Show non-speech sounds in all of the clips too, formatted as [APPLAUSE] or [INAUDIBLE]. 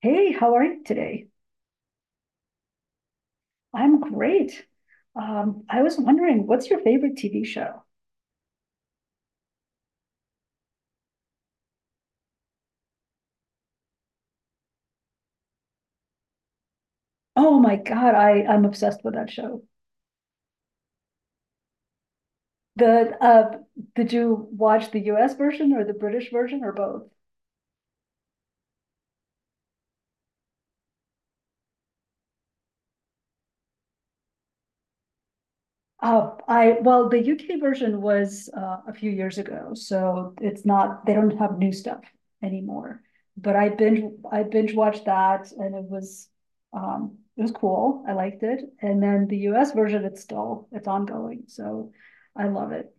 Hey, how are you today? I'm great. I was wondering, what's your favorite TV show? Oh my God, I'm obsessed with that show. The Did you watch the US version or the British version or both? I Well, the UK version was a few years ago, so it's not they don't have new stuff anymore. But I binge watched that, and it was cool. I liked it. And then the US version, it's ongoing, so. I love it.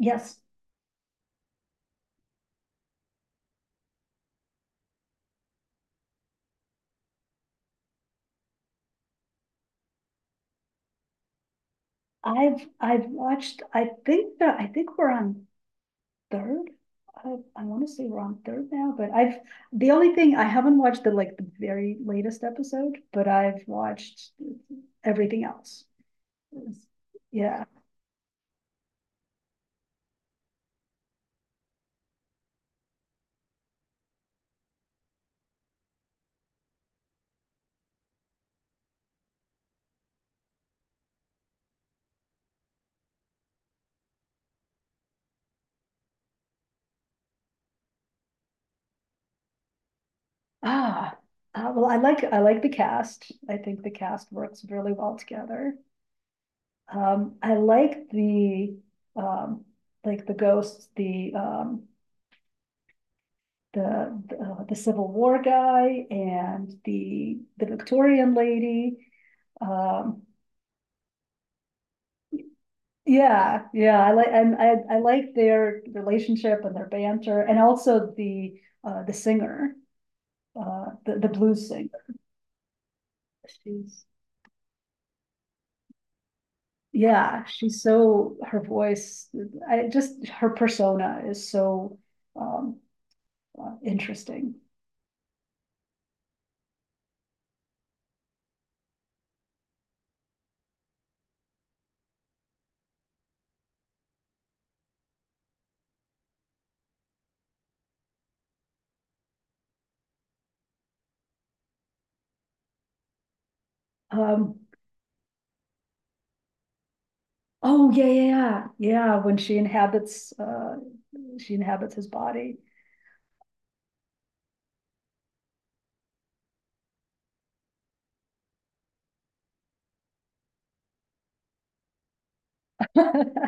Yes, I've watched. I think we're on third. I, I want to say we're on third now, but I've the only thing I haven't watched the like the very latest episode, but I've watched everything else. It's- Yeah. Ah, well, I like the cast. I think the cast works really well together. I um, like the ghosts, the Civil War guy and the Victorian lady. Um, yeah, yeah, I like and I like their relationship and their banter, and also the singer, the blues singer. She's Yeah, she's so, her voice, I just her persona is so, um interesting. Um oh, yeah, yeah, yeah, yeah, when she inhabits his body. [LAUGHS]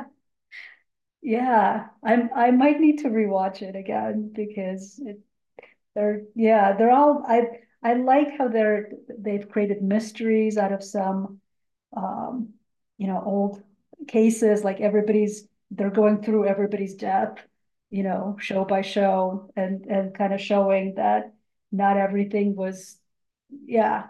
Yeah, I might need to rewatch it again because they're, yeah, they're all I like how they've created mysteries out of some, um, old cases, like everybody's, they're going through everybody's death, you know, show by show, and kind of showing that not everything was, yeah,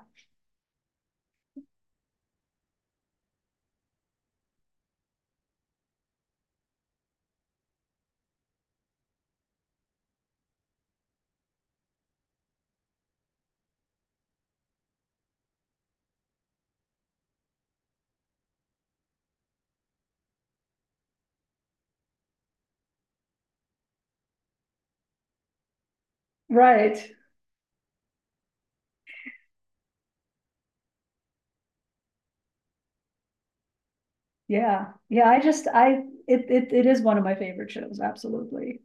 right. Yeah. Yeah. I just, it is one of my favorite shows. Absolutely.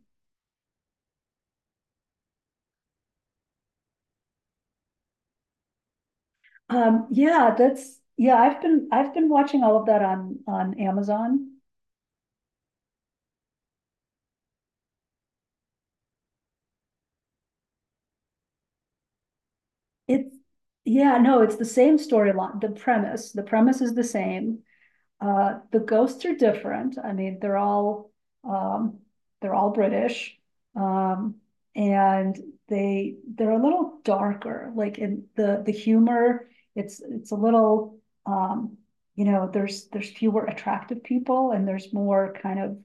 Yeah, that's, yeah, I've been watching all of that on, Amazon. It's, yeah, no, it's the same storyline, the premise is the same. The ghosts are different. I mean, um, they're all British, um, and they're a little darker. Like in the humor, it's a little, um, there's, fewer attractive people, and there's more kind of a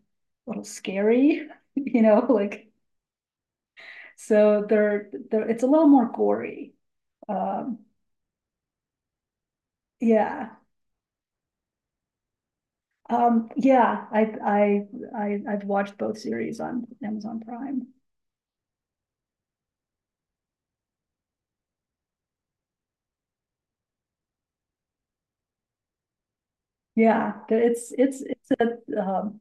little scary, [LAUGHS] you know, like, so they're it's a little more gory. Um, yeah, yeah, I've watched both series on Amazon Prime. Yeah, it's a, um,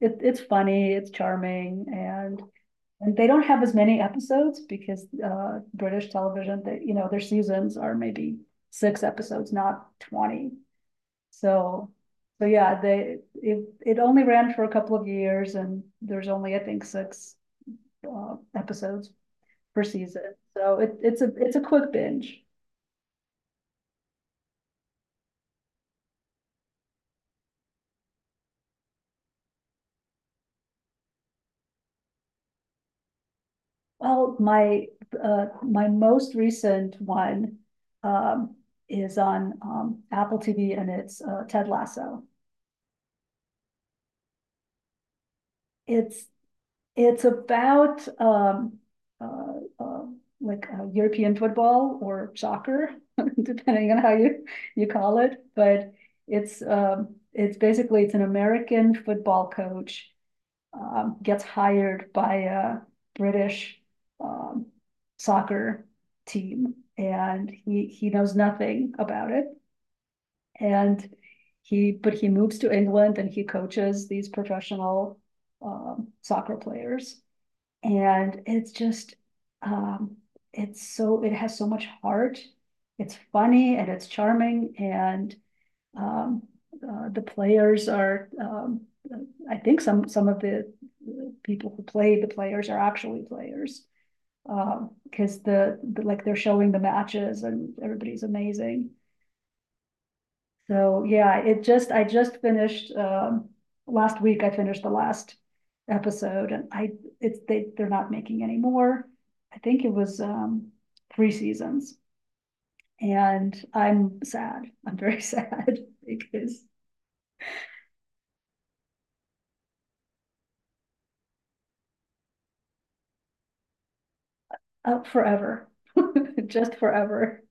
it, it's funny, it's charming, and they don't have as many episodes because British television, their seasons are maybe six episodes, not 20. So, yeah, they it it only ran for a couple of years, and there's only I think six episodes per season. So it's a quick binge. Well, my most recent one, um, is on, Apple TV, and it's, Ted Lasso. It's, it's about, uh, uh, like, European football or soccer, [LAUGHS] depending on how you call it. But it's basically, it's an American football coach, gets hired by a British, um, soccer team, and he knows nothing about it. And but he moves to England, and he coaches these professional, soccer players, and um, it has so much heart. It's funny, and it's charming, and um, the players are, I think some of the people who play the players are actually players. Because cause like they're showing the matches, and everybody's amazing. So yeah, I just finished, last week I finished the last episode. And they're not making any more. I think it was, three seasons, and I'm sad. I'm very sad [LAUGHS] because up forever, [LAUGHS] just forever.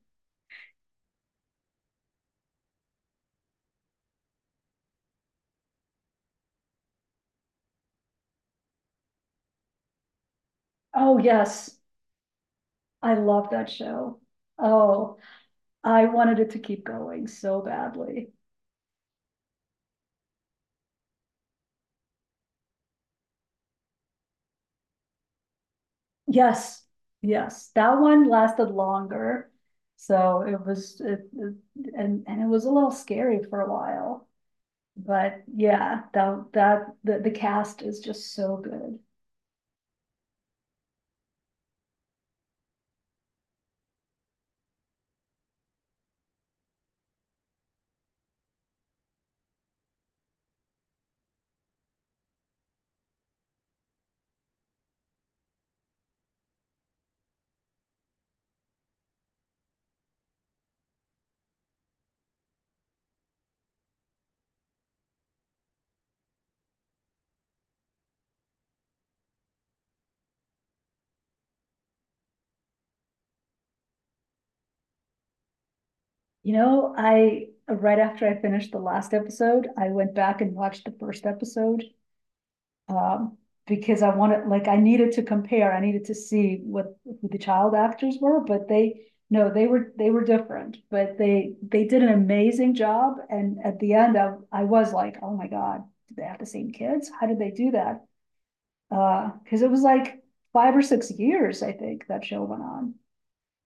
Oh, yes. I love that show. Oh, I wanted it to keep going so badly. Yes. Yes. That one lasted longer. So it was, it- And it was a little scary for a while. But yeah, the cast is just so good. You know, right after I finished the last episode, I went back and watched the first episode. Um, because I wanted, like, I needed to compare, I needed to see what who the child actors were, but no, they were different, but they did an amazing job. And at the end, I was like, oh my God, did they have the same kids? How did they do that? Because it was like 5 or 6 years, I think, that show went on.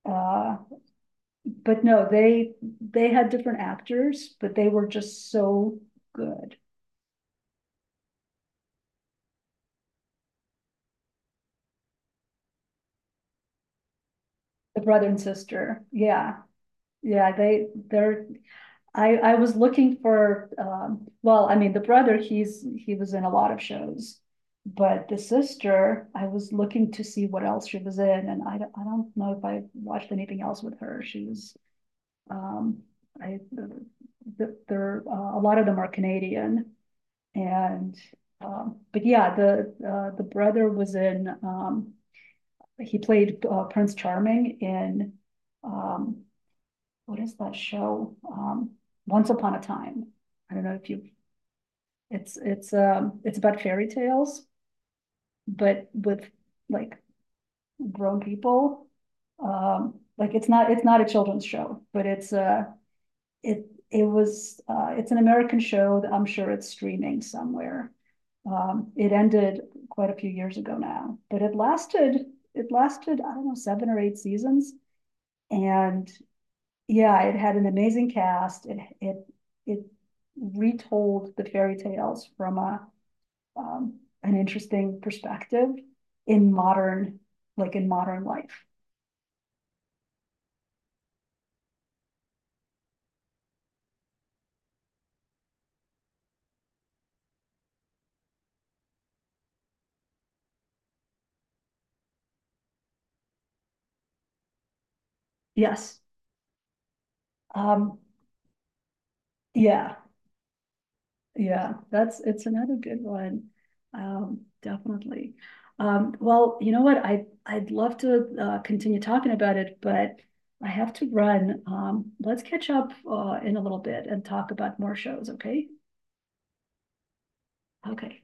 Uh, but no, they had different actors, but they were just so good. The brother and sister, yeah, yeah, they they're I was looking for, well, I mean, the brother, he was in a lot of shows. But the sister, I was looking to see what else she was in, and I don't know if I watched anything else with her. She was, um, a lot of them are Canadian, and, but yeah, the brother was in, he played Prince Charming in, um, what is that show? Once Upon a Time. I don't know if you, it's about fairy tales, but with like grown people. Like it's not a children's show, but it's an American show that I'm sure it's streaming somewhere. It ended quite a few years ago now, but it lasted, I don't know, seven or eight seasons. And yeah, it had an amazing cast. It retold the fairy tales from a, an interesting perspective in modern, like in modern life. Yes. Um, Yeah, yeah, that's it's another good one. Definitely. Well, you know what? I'd love to, continue talking about it, but I have to run. Let's catch up, in a little bit and talk about more shows, okay? Okay.